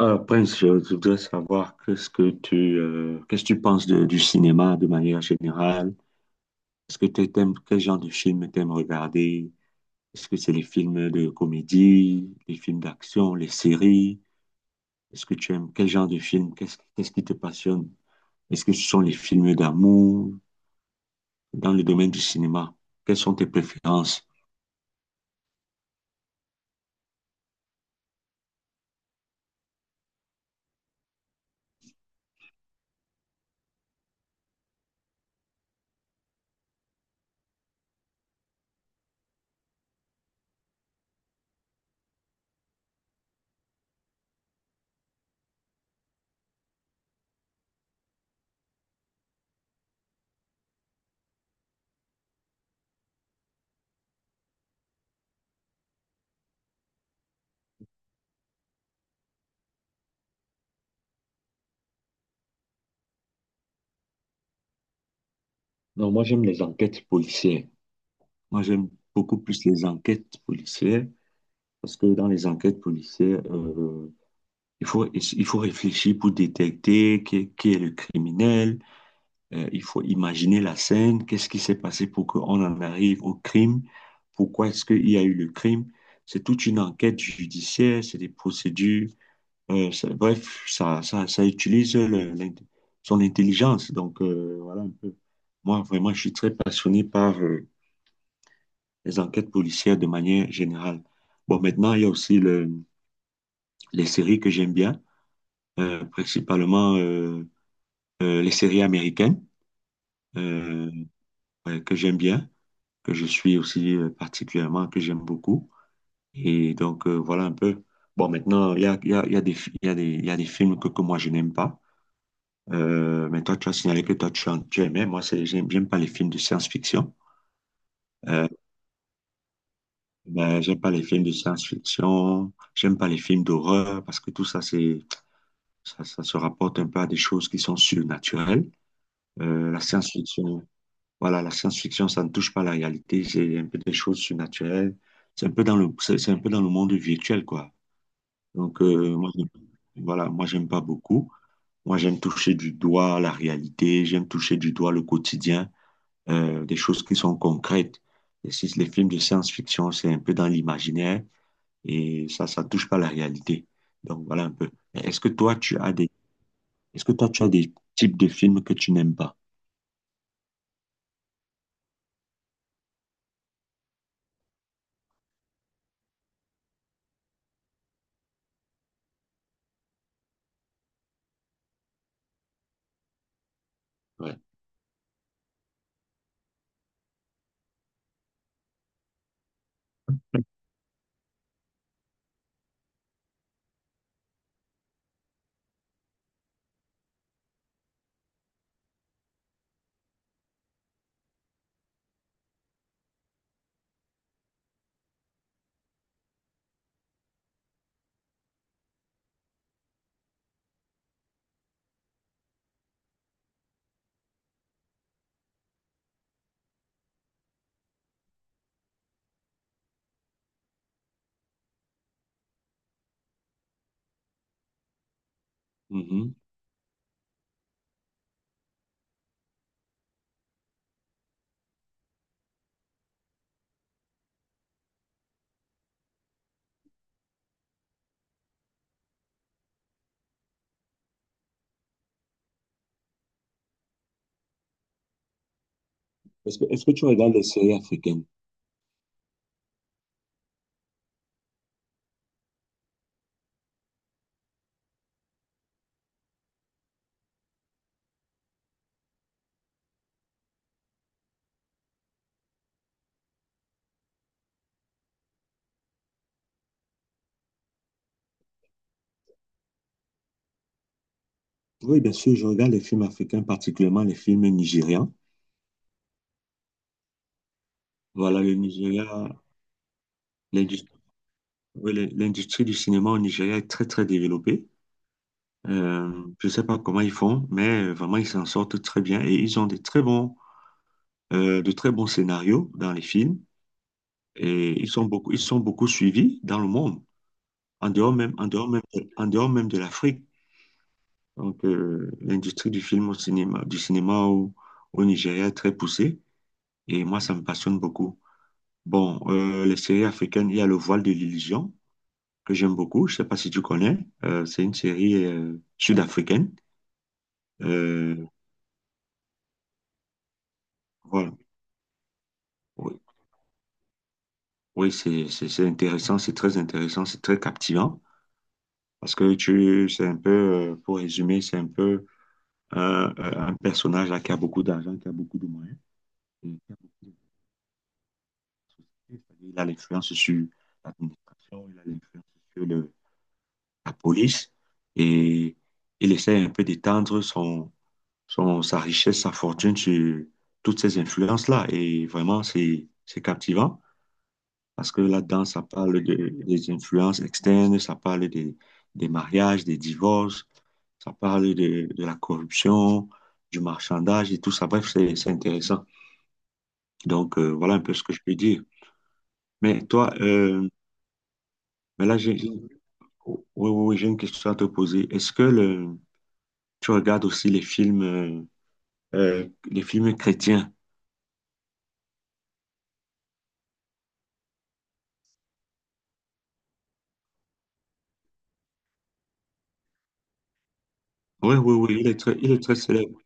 Prince, je voudrais savoir qu'est-ce que tu penses du cinéma de manière générale? Est-ce que tu t'aimes quel genre de film t'aimes regarder? Est-ce que c'est les films de comédie, les films d'action, les séries? Est-ce que tu aimes quel genre de film? Qu'est-ce qui te passionne? Est-ce que ce sont les films d'amour dans le domaine du cinéma? Quelles sont tes préférences? Non, moi j'aime les enquêtes policières. Moi j'aime beaucoup plus les enquêtes policières parce que dans les enquêtes policières, il faut, il faut réfléchir pour détecter qui est le criminel. Il faut imaginer la scène. Qu'est-ce qui s'est passé pour qu'on en arrive au crime? Pourquoi est-ce qu'il y a eu le crime? C'est toute une enquête judiciaire, c'est des procédures. Bref, ça utilise son intelligence. Donc, voilà un peu. Moi, vraiment, je suis très passionné par les enquêtes policières de manière générale. Bon, maintenant, il y a aussi les séries que j'aime bien, principalement. Les séries américaines euh, ouais, que j'aime bien, que je suis aussi particulièrement, que j'aime beaucoup. Et donc, voilà un peu. Bon, maintenant, il y a, il y a, il y a des, fi- il y a des, il y a des films que moi, je n'aime pas. Mais toi, tu as signalé que toi, tu aimais. Moi, c'est, j'aime pas les films de science-fiction. Euh, ben, j'aime pas les films de science-fiction. J'aime pas les films d'horreur parce que tout ça, ça se rapporte un peu à des choses qui sont surnaturelles. Euh, la science-fiction. Voilà, la science-fiction, ça ne touche pas la réalité, c'est un peu des choses surnaturelles, c'est un peu dans le, c'est un peu dans le monde virtuel, quoi. Donc, moi, j'aime pas beaucoup. Moi, j'aime toucher du doigt la réalité, j'aime toucher du doigt le quotidien, des choses qui sont concrètes. Et si les films de science-fiction, c'est un peu dans l'imaginaire, et ça touche pas la réalité. Donc, voilà un peu. Mais est-ce que toi, tu as des types de films que tu n'aimes pas? Ouais. Mhm. Est-ce que tu regardes les séries africaines? Oui, bien sûr, je regarde les films africains, particulièrement les films nigérians. Voilà, le Nigeria, l'industrie, oui, l'industrie du cinéma au Nigeria est très, très développée. Euh, je ne sais pas comment ils font, mais vraiment, ils s'en sortent très bien et ils ont des très bons, de très bons scénarios dans les films et ils sont beaucoup suivis dans le monde, en dehors même de l'Afrique. Donc, l'industrie du film au cinéma, du cinéma au Nigeria est très poussée et moi, ça me passionne beaucoup. Bon, les séries africaines, il y a Le Voile de l'illusion, que j'aime beaucoup. Je sais pas si tu connais. C'est une série sud-africaine. Euh, voilà. Oui, Oui, c'est intéressant, c'est très captivant. Parce que c'est un peu, pour résumer, c'est un peu un personnage là, qui a beaucoup d'argent, qui a beaucoup de moyens, et qui a beaucoup de société. C'est-à-dire, il a l'influence sur l'administration, il a l'influence sur le- la police. Et il essaie un peu d'étendre sa richesse, sa fortune sur toutes ces influences-là. Et vraiment, c'est captivant parce que là-dedans, des influences externes, des mariages, des divorces, de la corruption, du marchandage et tout ça. Bref, c'est intéressant. Donc, voilà un peu ce que je peux dire. Mais toi, mais là, j'ai- oh, oui, oui, oui, j'ai une question à te poser. Est-ce que tu regardes aussi les films chrétiens? Oui, oui, oui, il est très célèbre.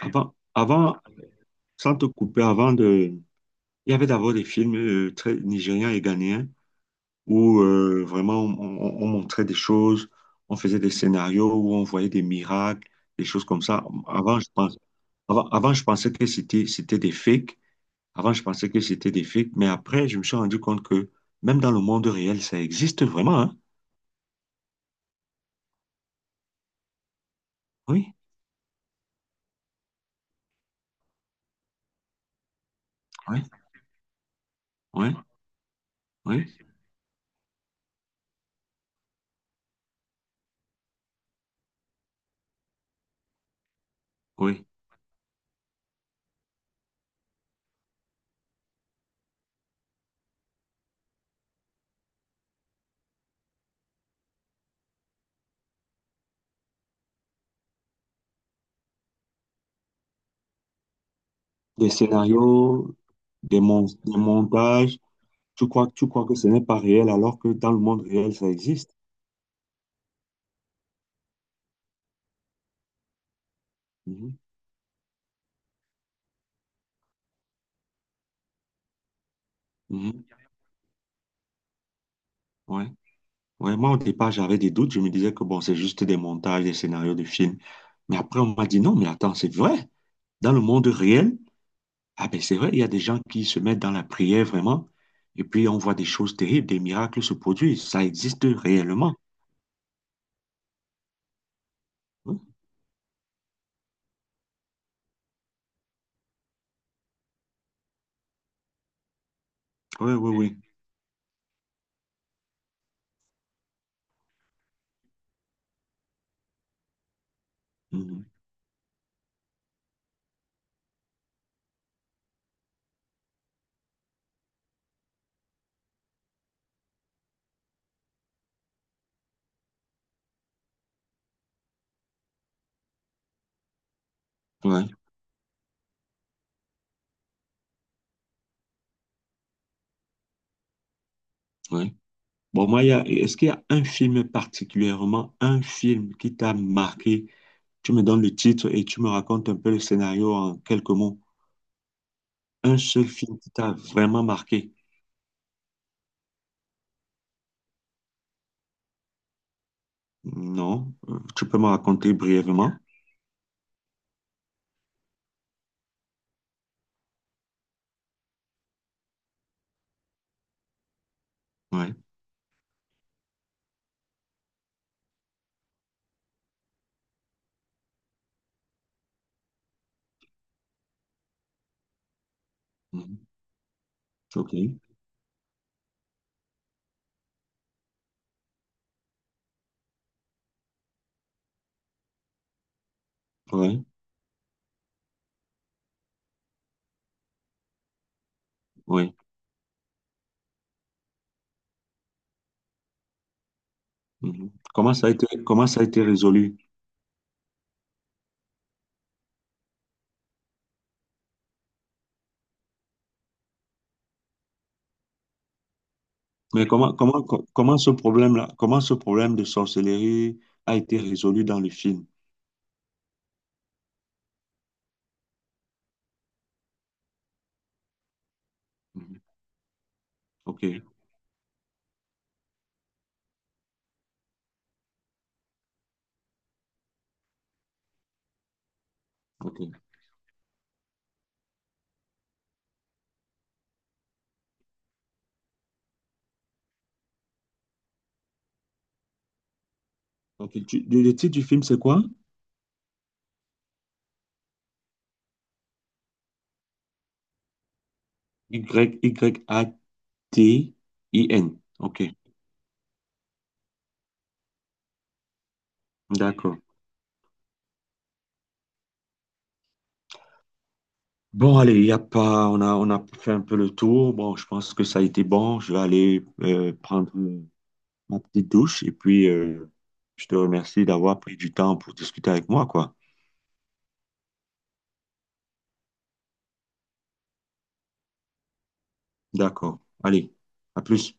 Avant, avant, sans te couper, avant de... Il y avait d'abord des films très nigérians et ghanéens où vraiment on montrait des choses, on faisait des scénarios où on voyait des miracles, des choses comme ça. Avant, je pense, avant, avant, je pensais que c'était des fakes. Avant, je pensais que c'était des fakes. Mais après, je me suis rendu compte que même dans le monde réel, ça existe vraiment, hein. Oui, oui, oui, oui, oui. Des scénarios, des montages. Tu crois que ce n'est pas réel alors que dans le monde réel, ça existe. Mhm, mhm, ouais. Ouais, moi, au départ, j'avais des doutes. Je me disais que bon, c'est juste des montages, des scénarios de films. Mais après, on m'a dit non, mais attends, c'est vrai. Dans le monde réel, ah ben, c'est vrai, il y a des gens qui se mettent dans la prière vraiment. Et puis, on voit des choses terribles, des miracles se produisent. Ça existe réellement. Oui, oui, oui. Mhm. Ouais, ouais. Bon, moi, est-ce qu'il y a un film particulièrement, un film qui t'a marqué? Tu me donnes le titre et tu me racontes un peu le scénario en quelques mots. Un seul film qui t'a vraiment marqué? Non. Tu peux me raconter brièvement? Ouais. Mhm. Ok. Ouais. Oui. Mhm. Comment ça a été résolu? Mais comment ce problème-là, comment ce problème de sorcellerie a été résolu dans le film? Mhm. Ok. Ok. Ok. Tu- le titre du film, c'est quoi? YYATIN. Ok. D'accord. Bon, allez, y a pas, on a fait un peu le tour. Bon, je pense que ça a été bon. Je vais aller prendre ma petite douche et puis je te remercie d'avoir pris du temps pour discuter avec moi, quoi. D'accord. Allez, à plus.